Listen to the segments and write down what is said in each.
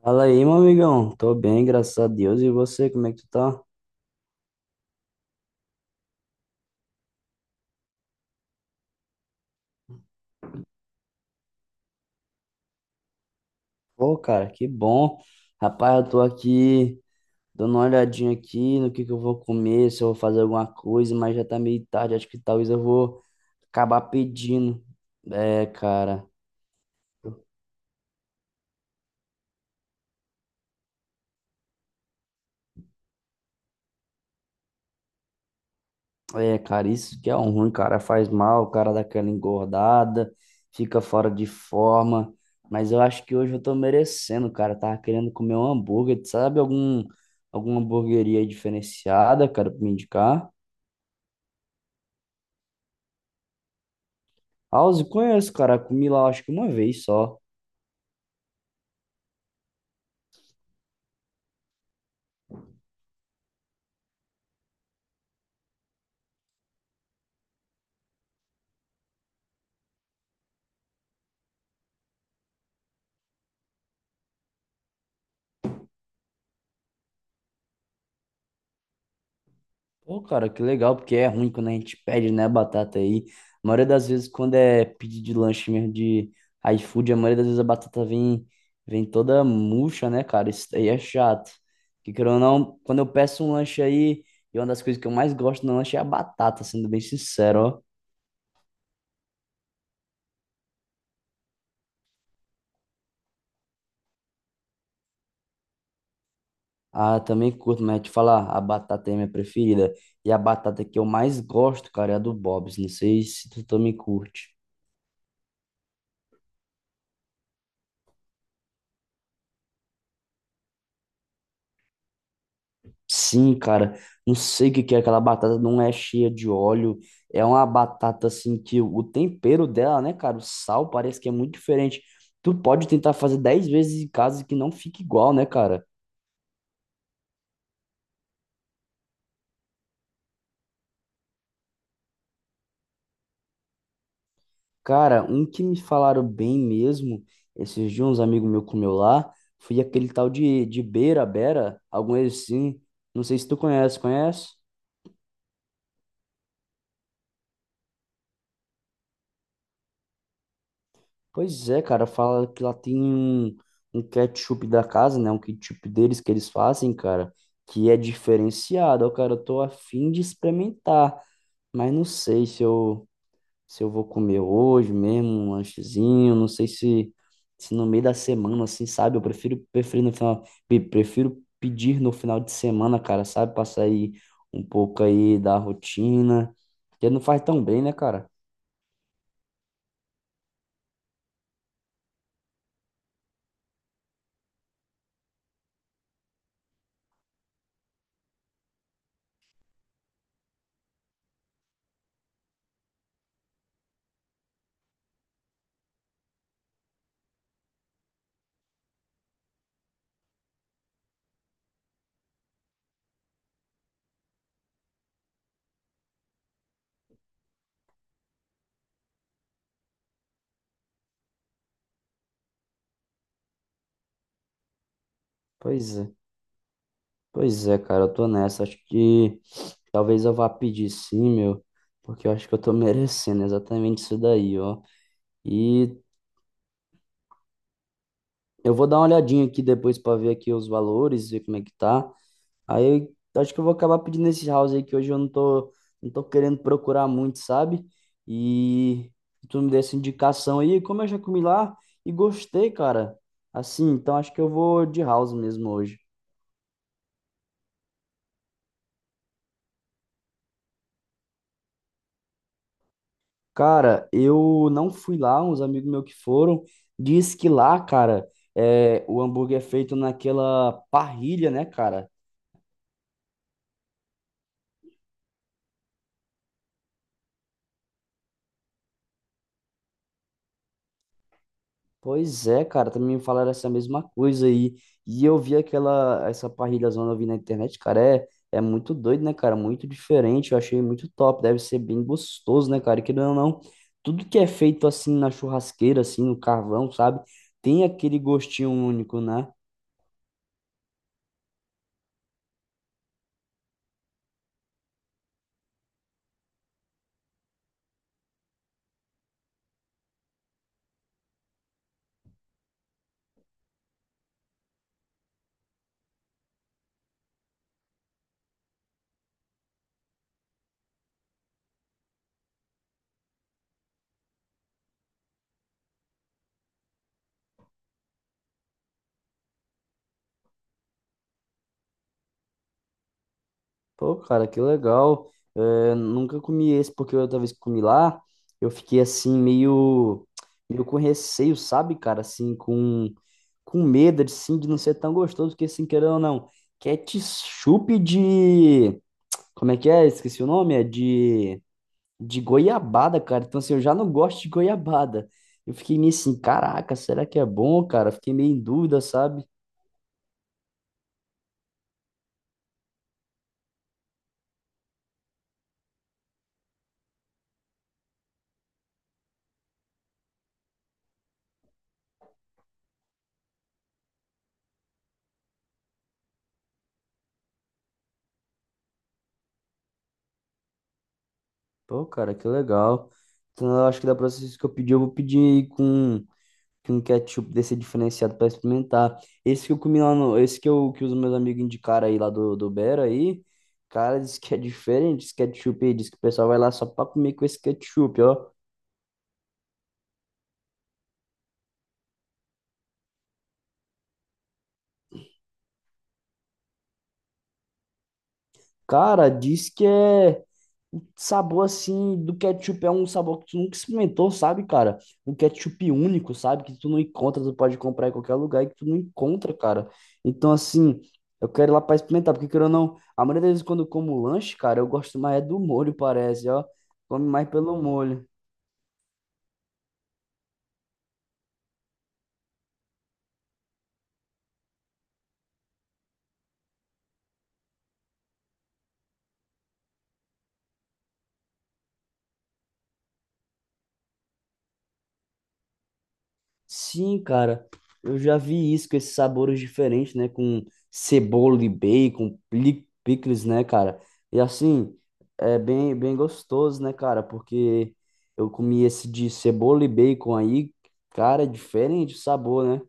Fala aí, meu amigão. Tô bem, graças a Deus. E você, como é que tu tá? Pô, cara, que bom. Rapaz, eu tô aqui dando uma olhadinha aqui no que eu vou comer, se eu vou fazer alguma coisa, mas já tá meio tarde. Acho que talvez eu vou acabar pedindo. É, cara. É, cara, isso que é um ruim, cara. Faz mal, o cara dá aquela engordada, fica fora de forma. Mas eu acho que hoje eu tô merecendo, cara. Eu Tava querendo comer um hambúrguer. Tu Sabe algum, alguma hamburgueria diferenciada, cara, pra me indicar? House, conheço, cara. Comi lá, acho que uma vez só. Pô, cara, que legal, porque é ruim quando a gente pede, né, batata aí. A maioria das vezes, quando é pedido de lanche mesmo de iFood, a maioria das vezes a batata vem, toda murcha, né, cara? Isso aí é chato. Que querendo ou não, quando eu peço um lanche aí, e uma das coisas que eu mais gosto no lanche é a batata, sendo bem sincero, ó. Ah, também curto, mas te falar, a batata é minha preferida. E a batata que eu mais gosto, cara, é a do Bob's. Não sei se tu também curte. Sim, cara, não sei o que que é aquela batata, não é cheia de óleo, é uma batata assim que o tempero dela, né, cara, o sal parece que é muito diferente. Tu pode tentar fazer 10 vezes em casa que não fica igual, né, cara? Cara, um que me falaram bem mesmo, esses dias uns amigos meus comeu lá, foi aquele tal de, beira-bera, algum assim, não sei se tu conhece, conhece? Pois é, cara, fala que lá tem um, ketchup da casa, né? Um ketchup deles que eles fazem, cara, que é diferenciado. Ó, cara, eu tô a fim de experimentar, mas não sei se eu, vou comer hoje mesmo, um lanchezinho, não sei se, no meio da semana, assim, sabe? Eu prefiro no final, prefiro pedir no final de semana, cara, sabe? Pra sair um pouco aí da rotina, porque não faz tão bem, né, cara? Pois é. Pois é, cara, eu tô nessa. Acho que talvez eu vá pedir sim, meu, porque eu acho que eu tô merecendo exatamente isso daí, ó. E eu vou dar uma olhadinha aqui depois pra ver aqui os valores, ver como é que tá. Aí eu acho que eu vou acabar pedindo esse house aí que hoje eu não tô, não tô querendo procurar muito, sabe? E tu me deu essa indicação aí, como eu já comi lá e gostei, cara. Assim, então acho que eu vou de house mesmo hoje. Cara, eu não fui lá, uns amigos meus que foram, diz que lá, cara, é, o hambúrguer é feito naquela parrilha, né, cara? Pois é, cara, também me falaram essa mesma coisa aí. E eu vi aquela, essa parrilha zona eu vi na internet, cara, é, muito doido, né, cara? Muito diferente, eu achei muito top, deve ser bem gostoso, né, cara? E querendo ou não, tudo que é feito assim na churrasqueira, assim, no carvão, sabe? Tem aquele gostinho único, né? Pô, cara, que legal. É, nunca comi esse, porque outra vez que comi lá, eu fiquei assim, meio, meio com receio, sabe, cara? Assim, com, medo assim, de não ser tão gostoso, porque assim, querendo ou não, ketchup de. Como é que é? Esqueci o nome, é de, goiabada, cara. Então, assim, eu já não gosto de goiabada. Eu fiquei meio assim, caraca, será que é bom, cara? Fiquei meio em dúvida, sabe? Pô, cara, que legal. Então, eu acho que da próxima vez que eu pedir, eu vou pedir com que com ketchup desse diferenciado para experimentar. Esse que eu comi lá no, esse que eu que os meus amigos indicaram aí lá do Bera aí, cara, diz que é diferente esse ketchup aí, diz que o pessoal vai lá só para comer com esse ketchup, ó. Cara, diz que é o sabor assim do ketchup é um sabor que tu nunca experimentou, sabe, cara? Um ketchup único, sabe? Que tu não encontra, tu pode comprar em qualquer lugar e que tu não encontra, cara. Então, assim, eu quero ir lá pra experimentar, porque querendo ou não, a maioria das vezes quando eu como lanche, cara, eu gosto mais é do molho, parece, ó. Come mais pelo molho. Sim, cara, eu já vi isso com esses sabores diferentes, né? Com cebola e bacon, picles, né, cara? E assim, é bem, bem gostoso, né, cara? Porque eu comi esse de cebola e bacon aí, cara, é diferente o sabor, né?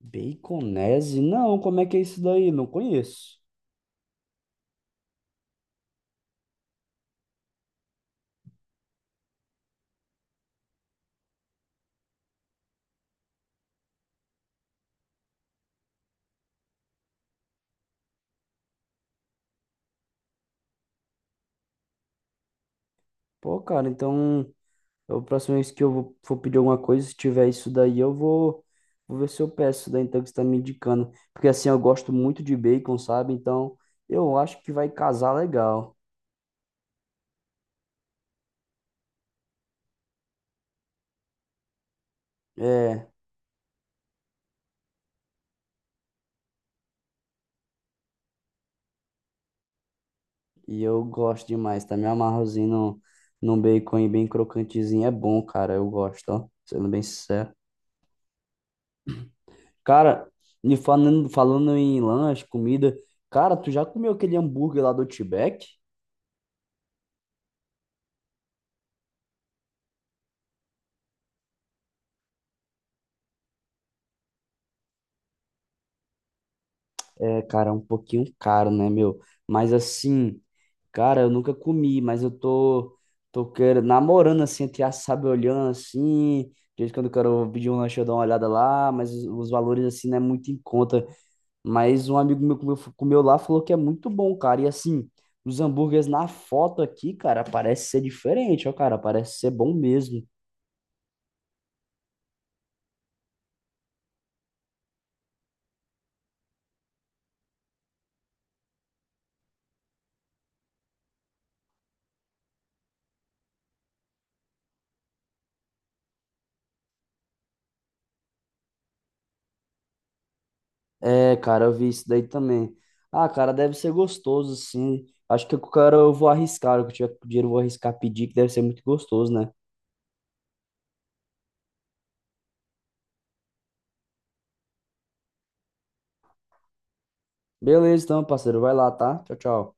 Baconese? Não, como é que é isso daí? Não conheço. Pô, cara, então. É A próxima vez que eu for pedir alguma coisa, se tiver isso daí, eu vou, ver se eu peço isso daí, então, que você tá me indicando. Porque assim, eu gosto muito de bacon, sabe? Então, eu acho que vai casar legal. É, e eu gosto demais, tá? Me amarrozinho no, num bacon aí bem crocantezinho. É bom, cara, eu gosto, ó. Sendo bem sincero. Cara, me falando, falando em lanche, comida, cara, tu já comeu aquele hambúrguer lá do Outback? É, cara, é um pouquinho caro, né, meu? Mas assim. Cara, eu nunca comi, mas eu tô, querendo, namorando assim, até sabe, olhando assim. De vez em quando eu quero pedir um lanche, eu dou uma olhada lá, mas os, valores assim não é muito em conta. Mas um amigo meu comeu, lá falou que é muito bom, cara. E assim, os hambúrgueres na foto aqui, cara, parece ser diferente, ó, cara, parece ser bom mesmo. É, cara, eu vi isso daí também. Ah, cara, deve ser gostoso, sim. Acho que o cara eu vou arriscar, o que eu tiver com dinheiro eu vou arriscar pedir, que deve ser muito gostoso, né? Beleza, então, parceiro. Vai lá, tá? Tchau, tchau.